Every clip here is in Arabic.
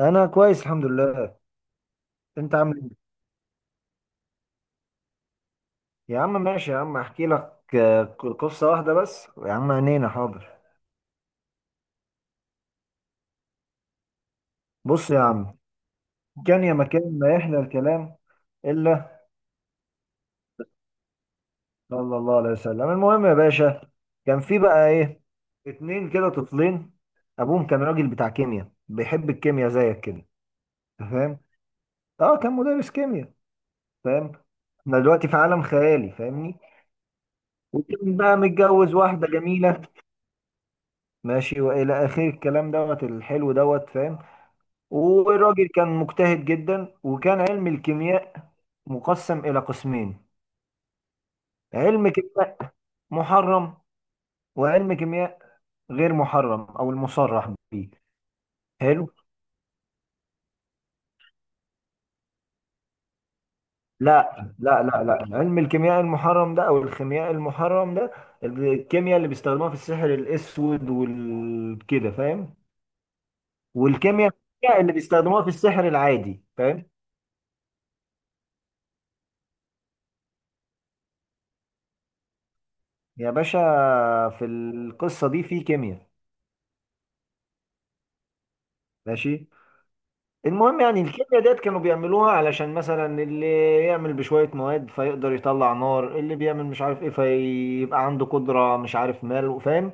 انا كويس، الحمد لله. انت عامل ايه؟ يا عم ماشي يا عم، احكي لك قصه واحده بس. يا عم عينينا حاضر. بص يا عم، كان يا مكان ما يحلى الكلام الا صلى الله عليه وسلم. المهم يا باشا، كان في بقى ايه؟ اتنين كده طفلين. ابوهم كان راجل بتاع كيمياء، بيحب الكيمياء زيك كده. أنت فاهم؟ اه كان مدرس كيمياء. فاهم؟ احنا دلوقتي في عالم خيالي، فاهمني؟ وكان بقى متجوز واحده جميله ماشي، والى اخر الكلام دوت الحلو دوت. فاهم؟ والراجل كان مجتهد جدا، وكان علم الكيمياء مقسم إلى قسمين: علم كيمياء محرم، وعلم كيمياء غير محرم أو المصرح به. حلو. لا لا لا لا، علم الكيمياء المحرم ده أو الخيمياء المحرم ده، الكيمياء اللي بيستخدموها في السحر الأسود والكده، فاهم؟ والكيمياء اللي بيستخدموها في السحر العادي، فاهم؟ يا باشا في القصة دي في كيمياء. ماشي. المهم يعني الكيمياء ديت كانوا بيعملوها علشان مثلا اللي يعمل بشوية مواد فيقدر يطلع نار، اللي بيعمل مش عارف ايه فيبقى عنده قدرة مش عارف مال، فاهم؟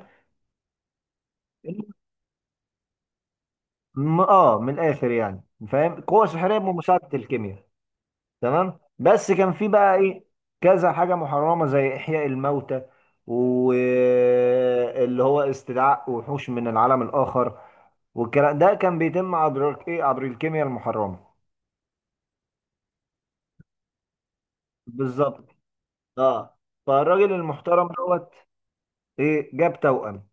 من الاخر يعني، فاهم؟ قوة سحرية بمساعدة الكيمياء. تمام، بس كان في بقى ايه؟ كذا حاجة محرمة زي احياء الموتى، واللي هو استدعاء وحوش من العالم الاخر، والكلام ده كان بيتم عبر ايه؟ عبر الكيمياء المحرمة. بالظبط. اه. فالراجل المحترم دوت ايه جاب توأم،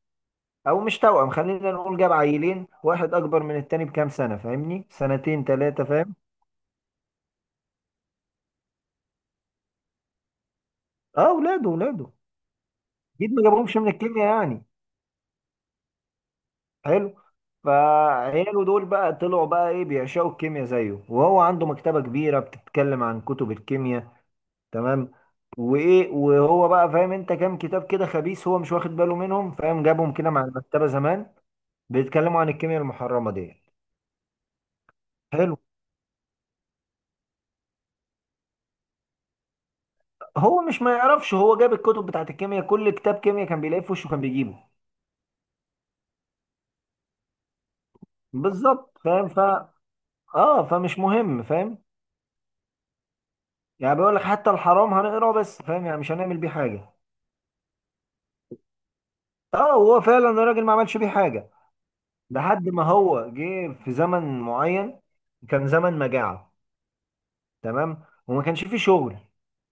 او مش توأم، خلينا نقول جاب عيلين، واحد اكبر من التاني بكام سنة فاهمني، سنتين ثلاثة، فاهم؟ اه اولاده اولاده. اكيد ما جابهمش من الكيمياء يعني. حلو. فعياله دول بقى طلعوا بقى ايه، بيعشقوا الكيمياء زيه، وهو عنده مكتبة كبيرة بتتكلم عن كتب الكيمياء. تمام. وايه، وهو بقى فاهم انت كام كتاب كده خبيث هو مش واخد باله منهم، فاهم، جابهم كده مع المكتبة زمان، بيتكلموا عن الكيمياء المحرمة دي. حلو. هو مش ما يعرفش، هو جاب الكتب بتاعت الكيمياء، كل كتاب كيمياء كان بيلاقيه في وشه كان بيجيبه. بالظبط، فاهم. ف اه فمش مهم، فاهم؟ يعني بيقول لك حتى الحرام هنقراه، بس فاهم يعني مش هنعمل بيه حاجه. اه هو فعلا الراجل ما عملش بيه حاجه لحد ما هو جه في زمن معين، كان زمن مجاعه. تمام. وما كانش فيه شغل،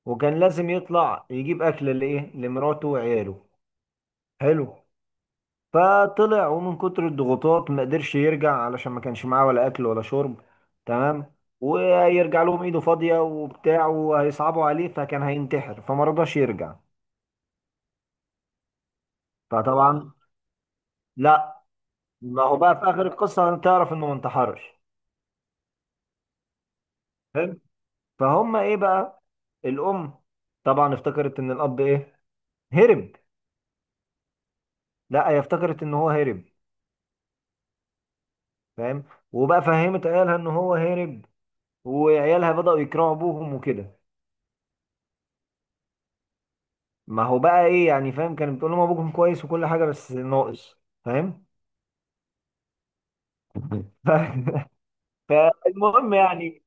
وكان لازم يطلع يجيب اكل لايه، لمراته وعياله. حلو. فطلع، ومن كتر الضغوطات ما قدرش يرجع، علشان ما كانش معاه ولا اكل ولا شرب. تمام. وهيرجع لهم ايده فاضيه وبتاع وهيصعبوا عليه، فكان هينتحر، فما رضاش يرجع. فطبعا لا، ما هو بقى في اخر القصه هتعرف انه ما انتحرش. حلو. فهم ايه بقى، الام طبعا افتكرت ان الاب ايه، هرب. لا، هي افتكرت ان هو هرب، فاهم، وبقى فهمت عيالها ان هو هرب، وعيالها بدأوا يكرهوا ابوهم وكده. ما هو بقى ايه يعني، فاهم، كانت بتقول لهم ابوكم كويس وكل حاجه بس ناقص، فاهم. ف... فالمهم يعني،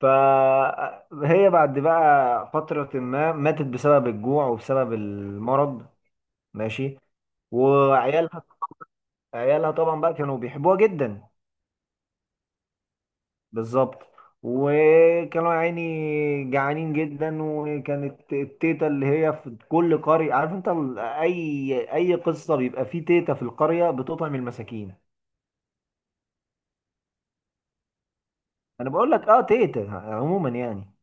فهي بعد بقى فتره ما ماتت بسبب الجوع وبسبب المرض. ماشي. وعيالها، عيالها طبعا بقى كانوا بيحبوها جدا. بالظبط. وكانوا يا عيني جعانين جدا، وكانت التيتا اللي هي في كل قرية عارف انت اي قصة بيبقى فيه تيتا في القرية بتطعم المساكين. انا بقول لك، اه تيتا عموما يعني.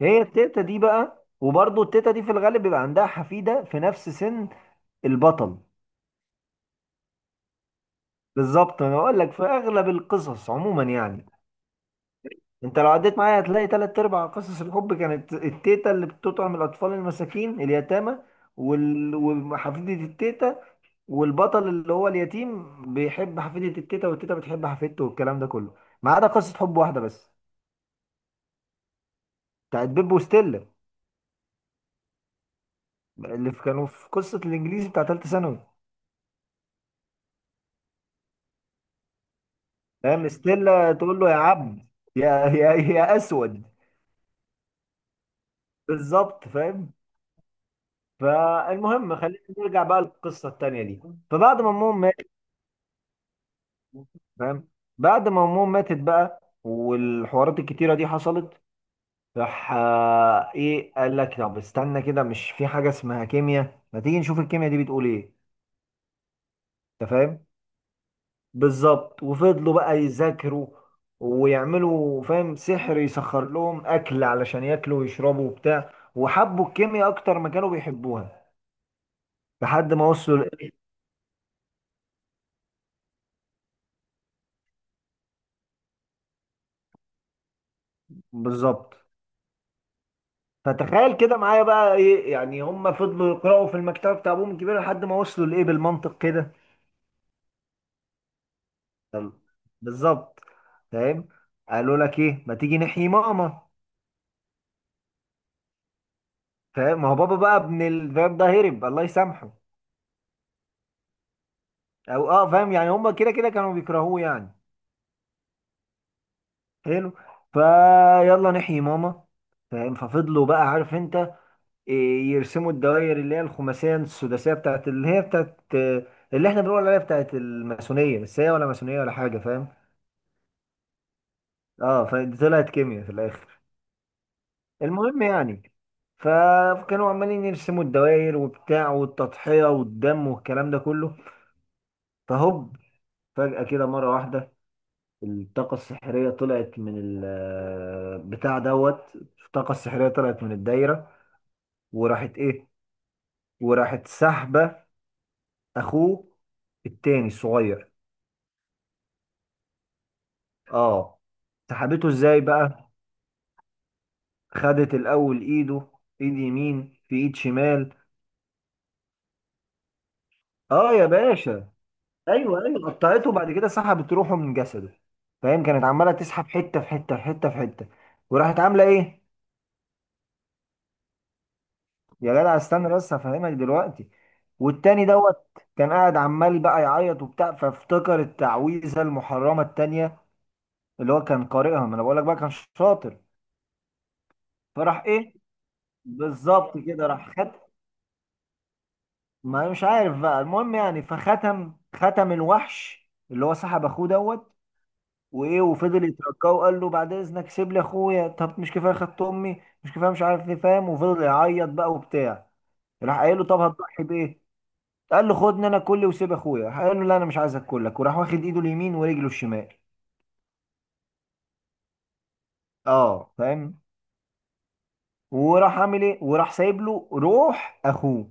هي التيتا دي بقى، وبرضه التيتا دي في الغالب بيبقى عندها حفيده في نفس سن البطل. بالظبط، انا بقول لك في اغلب القصص عموما يعني. انت لو عديت معايا هتلاقي تلات ارباع قصص الحب كانت التيتا اللي بتطعم الاطفال المساكين اليتامى، وحفيده التيتا، والبطل اللي هو اليتيم بيحب حفيده التيتا، والتيتا بتحب حفيدته، والكلام ده كله. ما عدا قصه حب واحده بس، بتاعت بيب وستيلا، كانوا في قصه الانجليزي بتاع ثالثه ثانوي، فاهم، ستيلا تقول له يا عبد، يا اسود. بالظبط، فاهم. فالمهم خلينا نرجع بقى للقصه التانيه دي. فبعد ما امهم ماتت، فاهم، بعد ما امهم ماتت بقى والحوارات الكتيره دي حصلت، راح ايه قال لك طب استنى كده، مش في حاجه اسمها كيمياء، ما تيجي نشوف الكيمياء دي بتقول ايه. انت فاهم؟ بالظبط. وفضلوا بقى يذاكروا ويعملوا فاهم سحر يسخر لهم اكل علشان ياكلوا ويشربوا وبتاع، وحبوا الكيمياء اكتر ما كانوا بيحبوها لحد ما بالظبط. فتخيل كده معايا بقى ايه، يعني هم فضلوا يقرأوا في المكتبة بتاع ابوهم الكبير لحد ما وصلوا لايه بالمنطق كده. حلو، بالظبط، فاهم. قالوا لك ايه، ما تيجي نحيي ماما. فاهم، ما هو بابا بقى ابن الفاب ده هرب الله يسامحه. او اه، فاهم، يعني هم كده كده كانوا بيكرهوه يعني. حلو. فيلا نحيي ماما، فاهم. ففضلوا بقى عارف انت يرسموا الدوائر اللي هي الخماسيه السداسيه بتاعت اللي هي بتاعت اللي احنا بنقول عليها بتاعت الماسونيه، بس هي ولا ماسونيه ولا حاجه فاهم. اه فطلعت كيمياء في الاخر. المهم يعني، فكانوا عمالين يرسموا الدوائر وبتاع والتضحيه والدم والكلام ده كله. فهوب، فجاه كده مره واحده الطاقه السحريه طلعت من بتاع دوت. الطاقه السحريه طلعت من الدايره، وراحت ايه، وراحت سحبه، اخوه التاني الصغير. اه. سحبته ازاي بقى؟ خدت الاول ايده، ايد يمين في ايد شمال. اه يا باشا، ايوه ايوه، قطعته وبعد كده سحبت روحه من جسده، فاهم، كانت عماله تسحب حته في حته في حته في حته، وراحت عامله ايه. يا جدع استنى بس هفهمك دلوقتي. والتاني دوت كان قاعد عمال بقى يعيط وبتاع، فافتكر التعويذه المحرمه التانيه اللي هو كان قارئها، ما انا بقول لك بقى كان شاطر، فراح ايه. بالظبط كده، راح خد، ما أنا مش عارف بقى. المهم يعني، فختم الوحش اللي هو سحب اخوه دوت. وايه، وفضل يتركاه وقال له بعد اذنك سيب لي اخويا، طب مش كفايه خدت امي، مش كفايه، مش عارف ايه، فاهم، وفضل يعيط بقى وبتاع. راح قايل له طب هتضحي بايه، قال له خدني انا كلي وسيب اخويا، راح قال له لا انا مش عايز اكلك، وراح واخد ايده اليمين ورجله الشمال. اه، فاهم. وراح عامل ايه، وراح سايب له روح اخوه.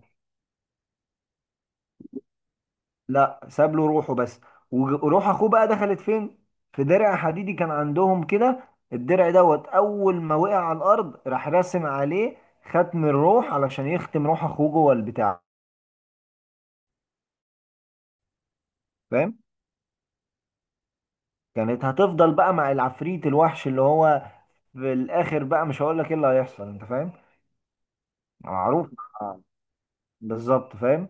لا ساب له روحه بس. وروح اخوه بقى دخلت فين؟ في درع حديدي كان عندهم كده. الدرع دوت اول ما وقع على الارض راح راسم عليه ختم الروح علشان يختم روح اخوه جوه البتاع. فاهم، كانت هتفضل بقى مع العفريت الوحش اللي هو. في الاخر بقى مش هقول لك ايه اللي هيحصل انت فاهم. معروف. آه، بالظبط، فاهم.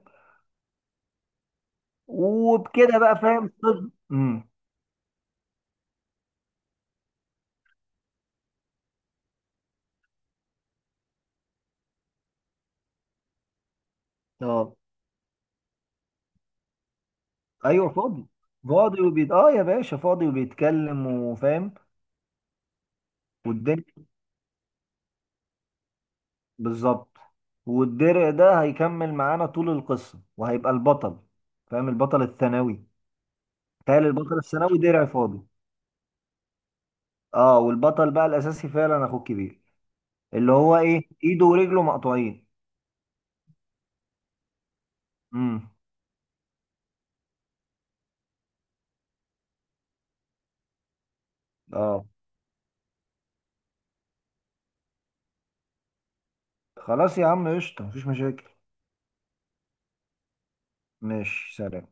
وبكده بقى فاهم. اه ايوه فاضي. فاضي وبيت اه يا باشا، فاضي وبيتكلم وفاهم. والدنيا، بالظبط. والدرع ده هيكمل معانا طول القصة وهيبقى البطل، فاهم، البطل الثانوي. تخيل البطل الثانوي درع فاضي. اه، والبطل بقى الأساسي فعلا أخوه الكبير، اللي هو إيه إيده ورجله مقطوعين. امم. اه خلاص يا عم، قشطة مفيش مشاكل. ماشي سلام.